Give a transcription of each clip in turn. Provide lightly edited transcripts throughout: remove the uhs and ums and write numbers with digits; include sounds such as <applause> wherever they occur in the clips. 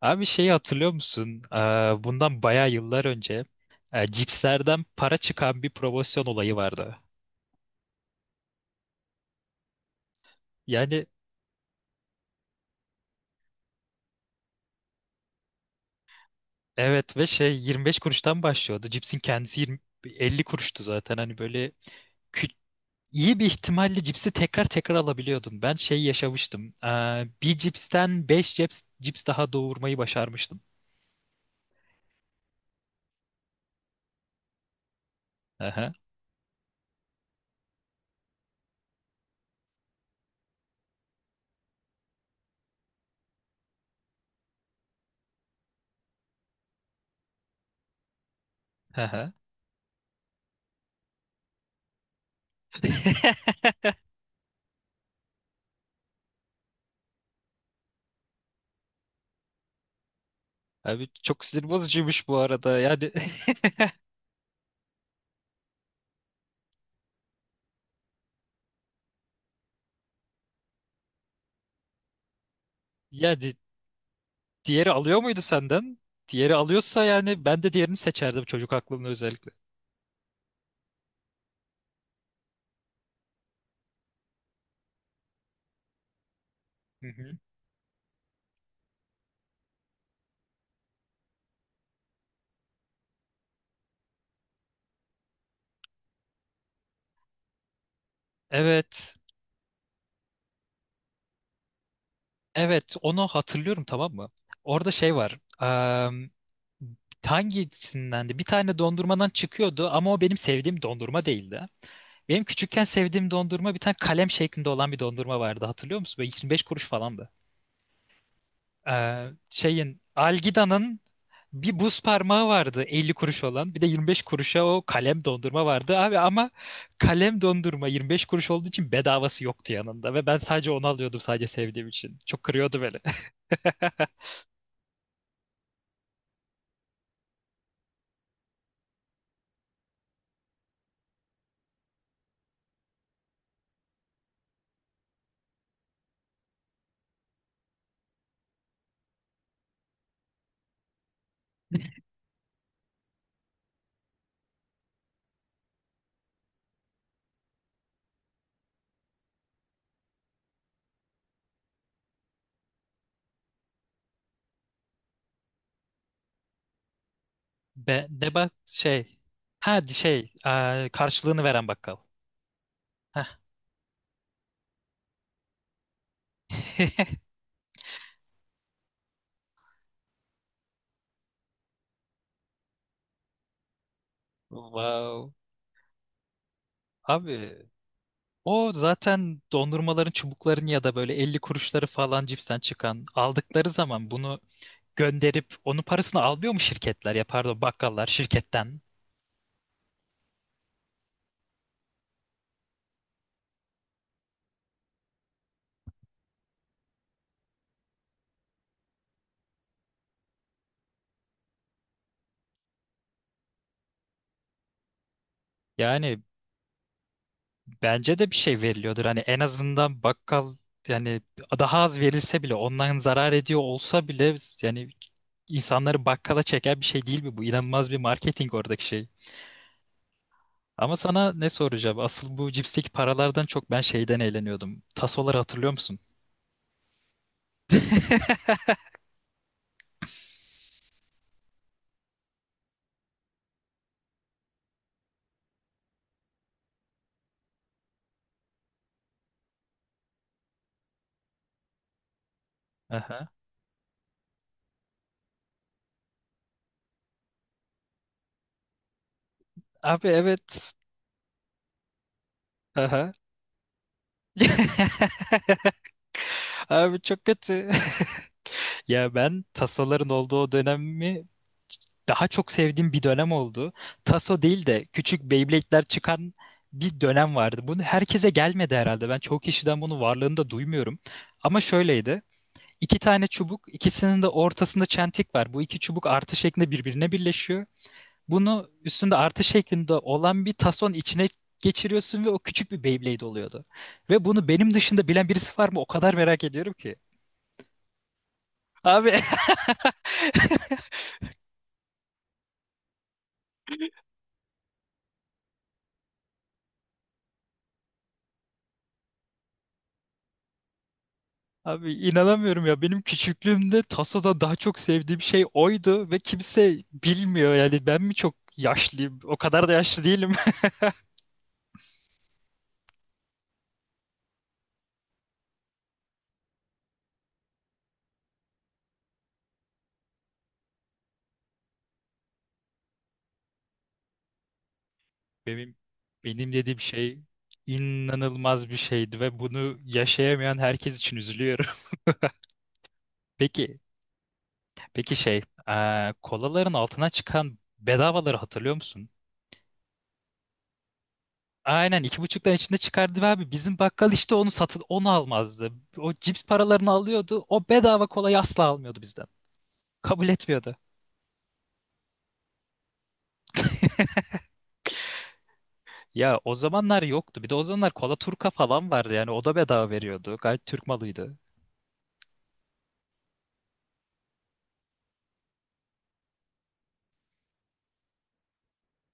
Abi şeyi hatırlıyor musun? Bundan bayağı yıllar önce cipslerden para çıkan bir promosyon olayı vardı. Yani evet ve şey 25 kuruştan başlıyordu. Cipsin kendisi 20, 50 kuruştu zaten. Hani böyle kü- iyi bir ihtimalle cipsi tekrar tekrar alabiliyordun. Ben şey yaşamıştım. Bir cipsten 5 cips, cips daha doğurmayı başarmıştım. Aha, aha. <laughs> Abi çok sinir bozucuymuş bu arada. Yani <laughs> yani diğeri alıyor muydu senden? Diğeri alıyorsa yani ben de diğerini seçerdim çocuk aklımda özellikle. Hı hı. Evet. Evet onu hatırlıyorum tamam mı? Orada şey var. Hangisinden de bir tane dondurmadan çıkıyordu ama o benim sevdiğim dondurma değildi. Benim küçükken sevdiğim dondurma bir tane kalem şeklinde olan bir dondurma vardı hatırlıyor musun? Böyle 25 kuruş falandı. Şeyin Algida'nın bir buz parmağı vardı 50 kuruş olan. Bir de 25 kuruşa o kalem dondurma vardı abi ama kalem dondurma 25 kuruş olduğu için bedavası yoktu yanında ve ben sadece onu alıyordum sadece sevdiğim için. Çok kırıyordu beni. <laughs> Be ne bak şey. Ha şey, karşılığını veren bakkal. Heh. <laughs> Wow. Abi o zaten dondurmaların çubukların ya da böyle 50 kuruşları falan cipsten çıkan aldıkları zaman bunu gönderip onun parasını almıyor mu şirketler ya pardon bakkallar şirketten? Yani bence de bir şey veriliyordur. Hani en azından bakkal yani daha az verilse bile ondan zarar ediyor olsa bile yani insanları bakkala çeken bir şey değil mi bu? İnanılmaz bir marketing oradaki şey. Ama sana ne soracağım? Asıl bu cipsteki paralardan çok ben şeyden eğleniyordum. Tasoları hatırlıyor musun? Aha. Abi evet. Aha. <laughs> Abi çok kötü. <laughs> Ya ben tasoların olduğu o dönemi daha çok sevdiğim bir dönem oldu. Taso değil de küçük Beyblade'ler çıkan bir dönem vardı. Bunu herkese gelmedi herhalde. Ben çoğu kişiden bunu varlığını da duymuyorum. Ama şöyleydi. İki tane çubuk, ikisinin de ortasında çentik var. Bu iki çubuk artı şeklinde birbirine birleşiyor. Bunu üstünde artı şeklinde olan bir tason içine geçiriyorsun ve o küçük bir Beyblade oluyordu. Ve bunu benim dışında bilen birisi var mı? O kadar merak ediyorum ki. Abi <laughs> abi inanamıyorum ya benim küçüklüğümde Taso'da daha çok sevdiğim şey oydu ve kimse bilmiyor yani ben mi çok yaşlıyım o kadar da yaşlı değilim. <laughs> Benim benim dediğim şey inanılmaz bir şeydi ve bunu yaşayamayan herkes için üzülüyorum. <laughs> Peki peki şey, kolaların altına çıkan bedavaları hatırlıyor musun? Aynen iki buçuktan içinde çıkardı ve abi bizim bakkal işte onu satın onu almazdı. O cips paralarını alıyordu o bedava kolayı asla almıyordu bizden. Kabul etmiyordu. Ya o zamanlar yoktu. Bir de o zamanlar Kola Turka falan vardı yani o da bedava veriyordu. Gayet Türk malıydı.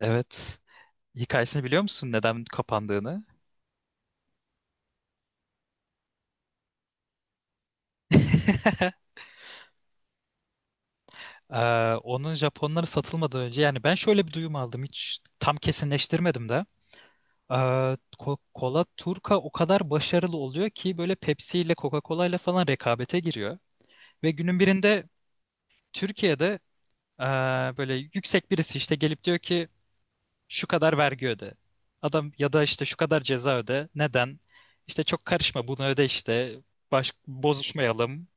Evet. Hikayesini biliyor musun neden kapandığını? <laughs> Onun Japonlara satılmadan önce yani ben şöyle bir duyum aldım hiç tam kesinleştirmedim de. Ee, Kola Turka o kadar başarılı oluyor ki böyle Pepsi ile Coca-Cola ile falan rekabete giriyor. Ve günün birinde Türkiye'de ee, böyle yüksek birisi işte gelip diyor ki şu kadar vergi öde. Adam ya da işte şu kadar ceza öde. Neden? İşte çok karışma bunu öde işte. Baş, bozuşmayalım.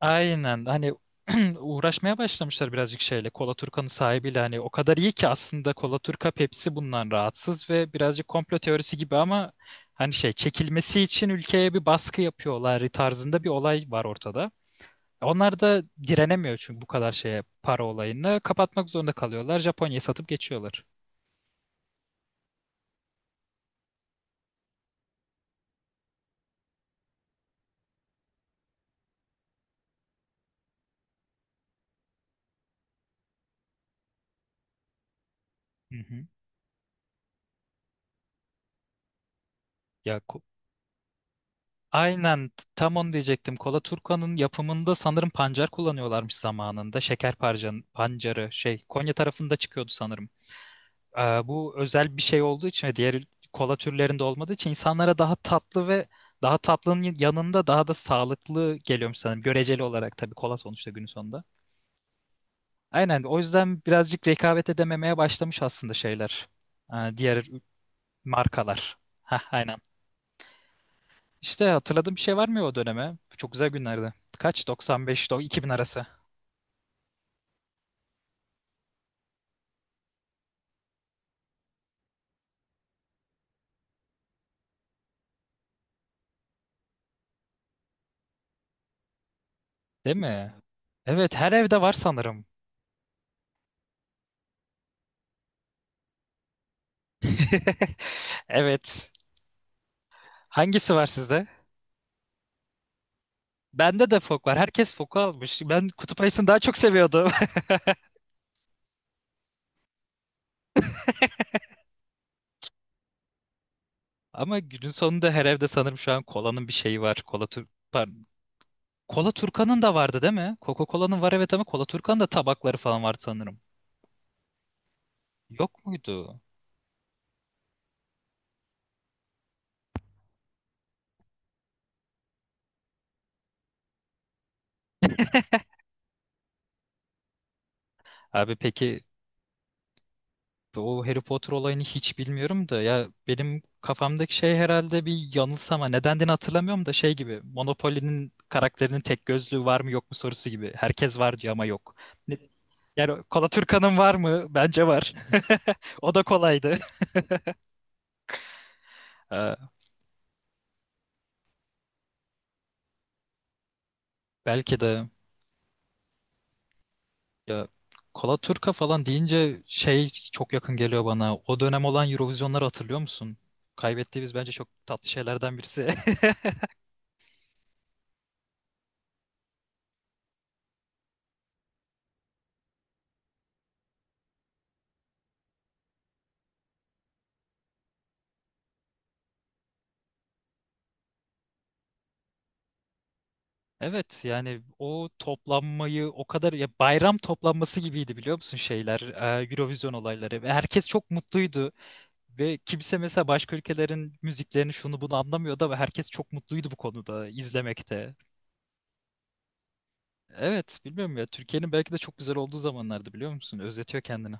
Aynen hani <clears throat> uğraşmaya başlamışlar birazcık şeyle. Kola Turkan'ın sahibiyle hani o kadar iyi ki aslında Kola Turka Pepsi bundan rahatsız ve birazcık komplo teorisi gibi ama hani şey çekilmesi için ülkeye bir baskı yapıyorlar tarzında bir olay var ortada. Onlar da direnemiyor çünkü bu kadar şeye para olayını. Kapatmak zorunda kalıyorlar. Japonya'yı satıp geçiyorlar. Hı hı. Ya ko- tam onu diyecektim. Kola Turkan'ın yapımında sanırım pancar kullanıyorlarmış zamanında. Şeker parcan, pancarı şey Konya tarafında çıkıyordu sanırım. Bu özel bir şey olduğu için ve diğer kola türlerinde olmadığı için insanlara daha tatlı ve daha tatlının yanında daha da sağlıklı geliyormuş sanırım. Göreceli olarak tabii kola sonuçta günün sonunda. Aynen o yüzden birazcık rekabet edememeye başlamış aslında şeyler. Diğer markalar. Hah aynen. İşte hatırladığım bir şey var mı o döneme? Çok güzel günlerdi. Kaç? 95 2000 arası. Değil mi? Evet, her evde var sanırım. <laughs> Evet. Hangisi var sizde? Bende de fok var. Herkes foku almış. Ben kutup ayısını daha çok seviyordum. <laughs> Ama günün sonunda her evde sanırım şu an kolanın bir şeyi var. Kola tur pardon. Kola Turkan'ın da vardı değil mi? Coca-Cola'nın var evet ama Kola Turkan'ın da tabakları falan vardı sanırım. Yok muydu? Abi peki o Harry Potter olayını hiç bilmiyorum da ya benim kafamdaki şey herhalde bir yanılsama. Nedendiğini hatırlamıyorum da şey gibi Monopoly'nin karakterinin tek gözlüğü var mı yok mu sorusu gibi. Herkes var diyor ama yok. Ne- yani Kalaturka'nın var mı? Bence var. <laughs> O da kolaydı. Ee, belki de ya Kalaturka falan deyince şey çok yakın geliyor bana. O dönem olan Eurovision'ları hatırlıyor musun? Kaybettiğimiz bence çok tatlı şeylerden birisi. <laughs> Evet yani o toplanmayı o kadar ya bayram toplanması gibiydi biliyor musun şeyler, Eurovision olayları ve herkes çok mutluydu ve kimse mesela başka ülkelerin müziklerini şunu bunu anlamıyordu ama herkes çok mutluydu bu konuda izlemekte. Evet bilmiyorum ya Türkiye'nin belki de çok güzel olduğu zamanlardı biliyor musun? Özletiyor kendini.